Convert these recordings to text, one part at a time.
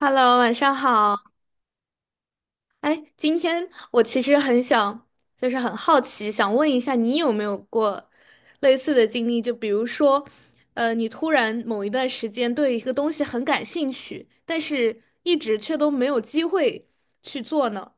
Hello，晚上好。哎，今天我其实很想，就是很好奇，想问一下你有没有过类似的经历？就比如说，你突然某一段时间对一个东西很感兴趣，但是一直却都没有机会去做呢？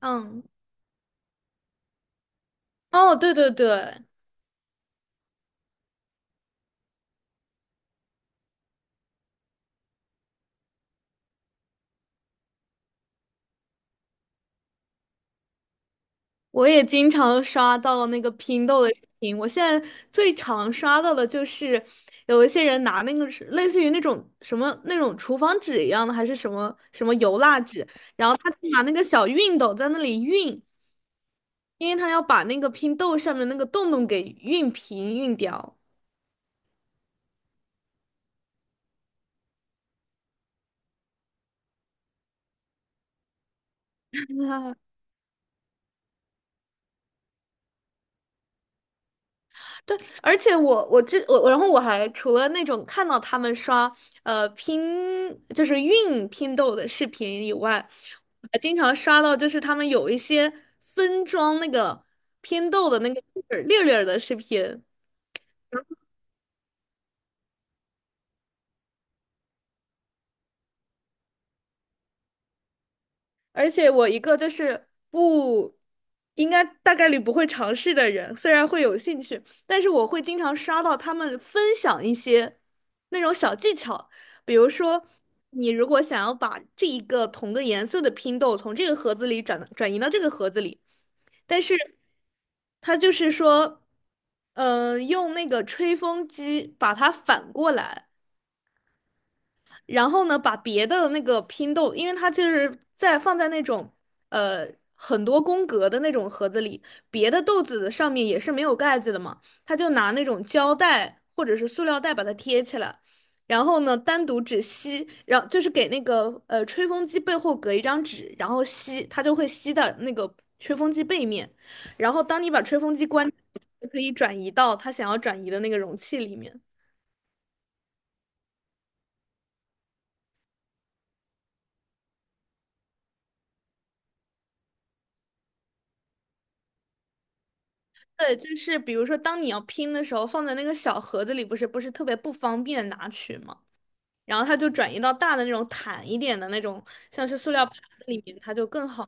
嗯，哦，对对对，我也经常刷到那个拼豆的视频，我现在最常刷到的就是有一些人拿那个是类似于那种什么那种厨房纸一样的，还是什么什么油蜡纸，然后他拿那个小熨斗在那里熨，因为他要把那个拼豆上面那个洞洞给熨平熨掉。对，而且我，然后我还除了那种看到他们刷呃拼就是运拼豆的视频以外，我还经常刷到就是他们有一些分装那个拼豆的那个粒儿粒儿的视频。而且我一个就是不应该大概率不会尝试的人，虽然会有兴趣，但是我会经常刷到他们分享一些那种小技巧，比如说你如果想要把这一个同个颜色的拼豆从这个盒子里转移到这个盒子里，但是他就是说，嗯、用那个吹风机把它反过来。然后呢，把别的那个拼豆，因为它就是放在那种呃很多宫格的那种盒子里，别的豆子的上面也是没有盖子的嘛，他就拿那种胶带或者是塑料袋把它贴起来，然后呢单独只吸，然后就是给那个吹风机背后隔一张纸，然后吸，它就会吸到那个吹风机背面，然后当你把吹风机关，就可以转移到它想要转移的那个容器里面。对，就是比如说，当你要拼的时候，放在那个小盒子里，不是特别不方便拿取嘛，然后它就转移到大的那种坦一点的那种，像是塑料盘子里面，它就更好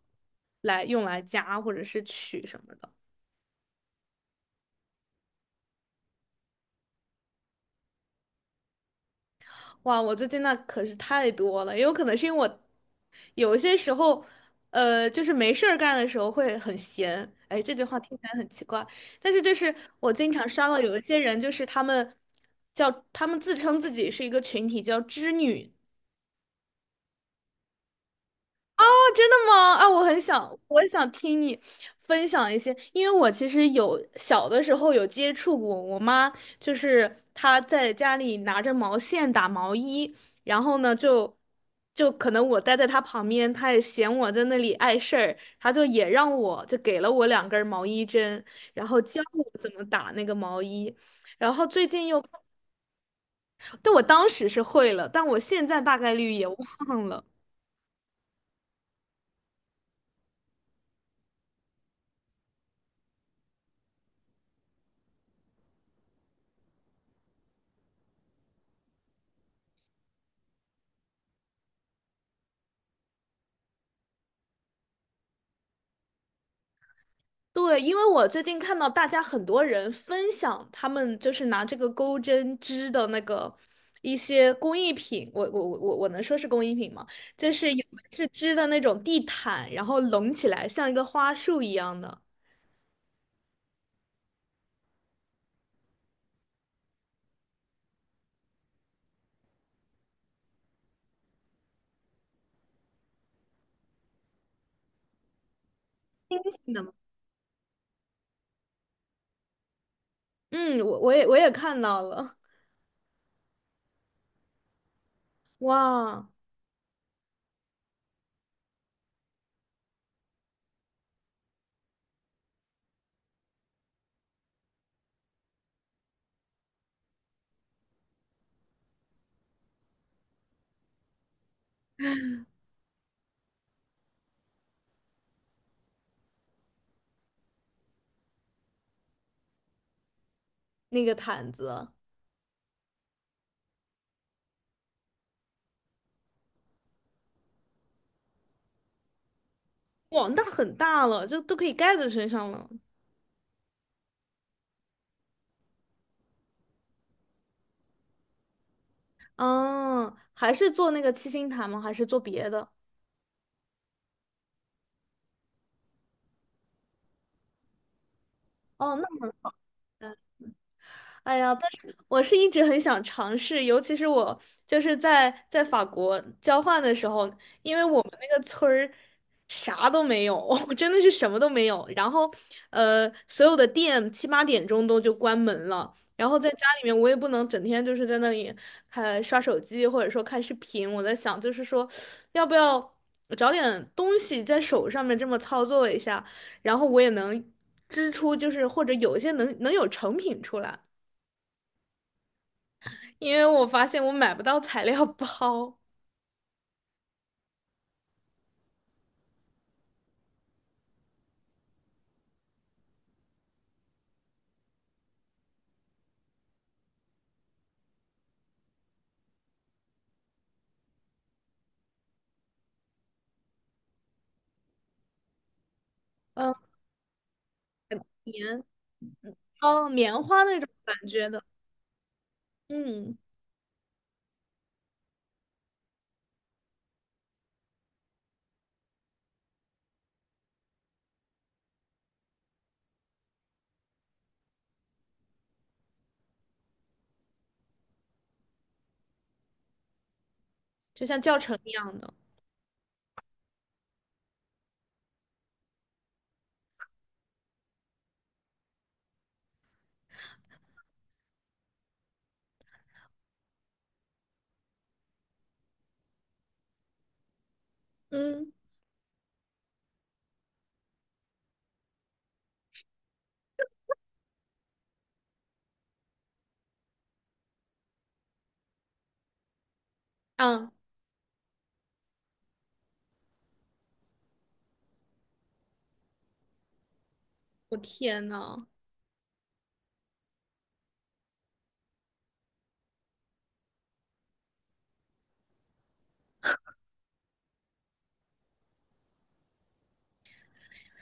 来用来夹或者是取什么的。哇，我最近那可是太多了，也有可能是因为我有一些时候，就是没事儿干的时候会很闲。哎，这句话听起来很奇怪，但是就是我经常刷到有一些人，就是他们自称自己是一个群体，叫织女。真的吗？啊，我想听你分享一些，因为我其实有小的时候有接触过，我妈就是她在家里拿着毛线打毛衣，然后呢就可能我待在她旁边，她也嫌我在那里碍事儿，她就也让我就给了我两根儿毛衣针，然后教我 怎么打那个毛衣，然后最近又，但我当时是会了，但我现在大概率也忘了。对，因为我最近看到大家很多人分享他们就是拿这个钩针织的那个一些工艺品，我能说是工艺品吗？就是有的是织的那种地毯，然后拢起来像一个花束一样的。真的吗？嗯，我也看到了。哇，那个毯子。哇，那很大了，就都可以盖在身上了。嗯，还是做那个七星毯吗？还是做别的？哦，那。哎呀，但是我是一直很想尝试，尤其是我就是在法国交换的时候，因为我们那个村儿啥都没有，真的是什么都没有。然后，所有的店七八点钟都就关门了。然后在家里面，我也不能整天就是在那里刷手机，或者说看视频。我在想，就是说，要不要找点东西在手上面这么操作一下，然后我也能织出，就是或者有一些能有成品出来。因为我发现我买不到材料包。嗯，棉，哦，棉花那种感觉的，嗯，就像教程一样的，嗯，啊，我天呐。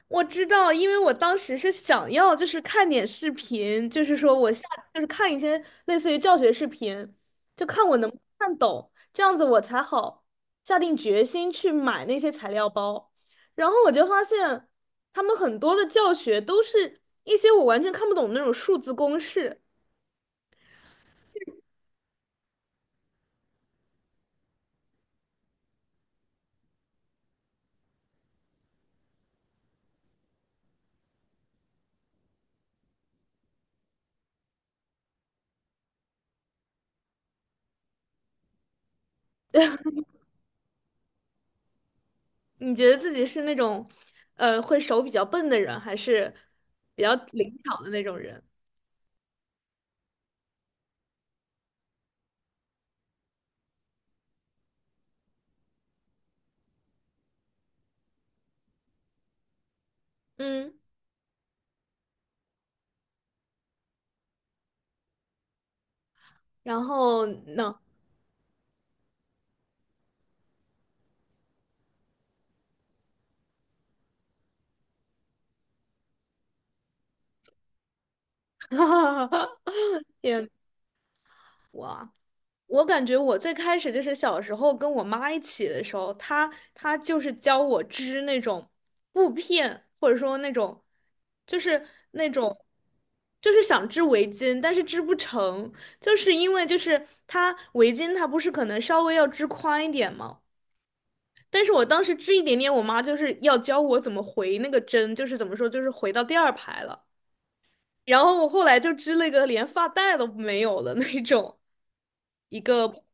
我知道，因为我当时是想要就是看点视频，就是说我就是看一些类似于教学视频，就看我能不能看懂，这样子我才好下定决心去买那些材料包。然后我就发现，他们很多的教学都是一些我完全看不懂的那种数字公式。你觉得自己是那种，会手比较笨的人，还是比较灵巧的那种人？嗯，然后呢？也我我感觉我最开始就是小时候跟我妈一起的时候，她就是教我织那种布片，或者说那种就是那种就是想织围巾，但是织不成，就是因为就是它围巾它不是可能稍微要织宽一点吗？但是我当时织一点点，我妈就是要教我怎么回那个针，就是怎么说，就是回到第二排了。然后我后来就织了一个连发带都没有的那种一个。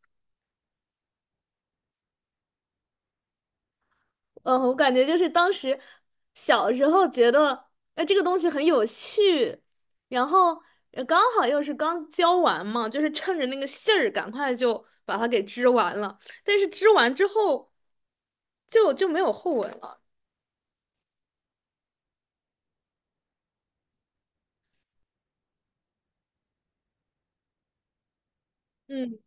嗯，我感觉就是当时小时候觉得，哎，这个东西很有趣，然后刚好又是刚教完嘛，就是趁着那个信儿，赶快就把它给织完了。但是织完之后没有后文了。嗯。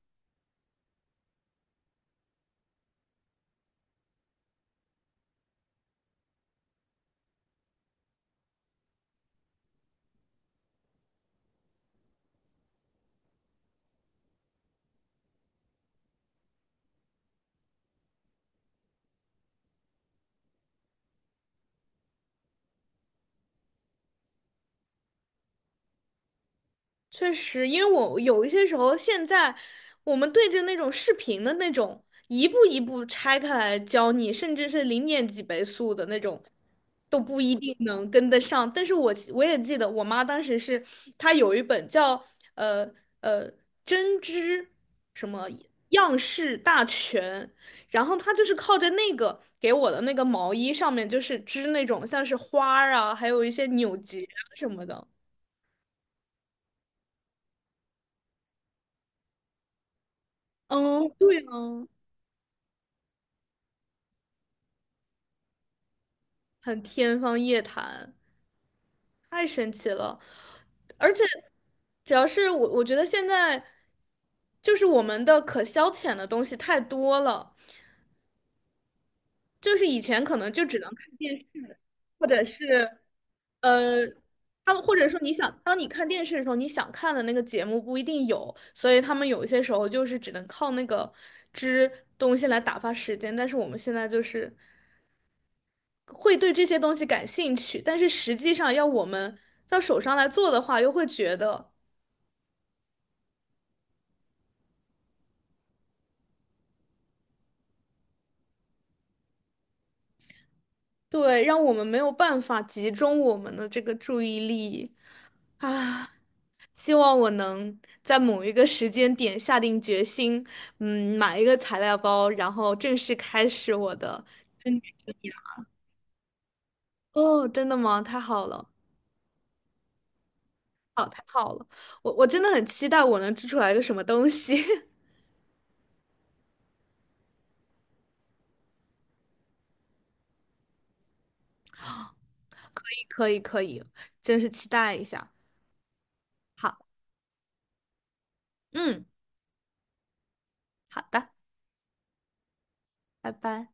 确实，因为我有一些时候，现在我们对着那种视频的那种，一步一步拆开来教你，甚至是零点几倍速的那种，都不一定能跟得上。但是我也记得，我妈当时是她有一本叫呃呃针织什么样式大全，然后她就是靠着那个给我的那个毛衣上面，就是织那种像是花儿啊，还有一些扭结啊什么的。嗯，对啊。很天方夜谭，太神奇了。而且，主要是我觉得现在就是我们的可消遣的东西太多了，就是以前可能就只能看电视，或者是呃，他们或者说你想，当你看电视的时候，你想看的那个节目不一定有，所以他们有一些时候就是只能靠那个支东西来打发时间，但是我们现在就是，会对这些东西感兴趣，但是实际上要我们到手上来做的话，又会觉得，对，让我们没有办法集中我们的这个注意力啊。希望我能在某一个时间点下定决心，嗯，买一个材料包，然后正式开始我的。哦，真的吗？太好了。好，太好了，我真的很期待我能织出来一个什么东西。可以，可以，可以，真是期待一下。好，嗯，好的。拜拜。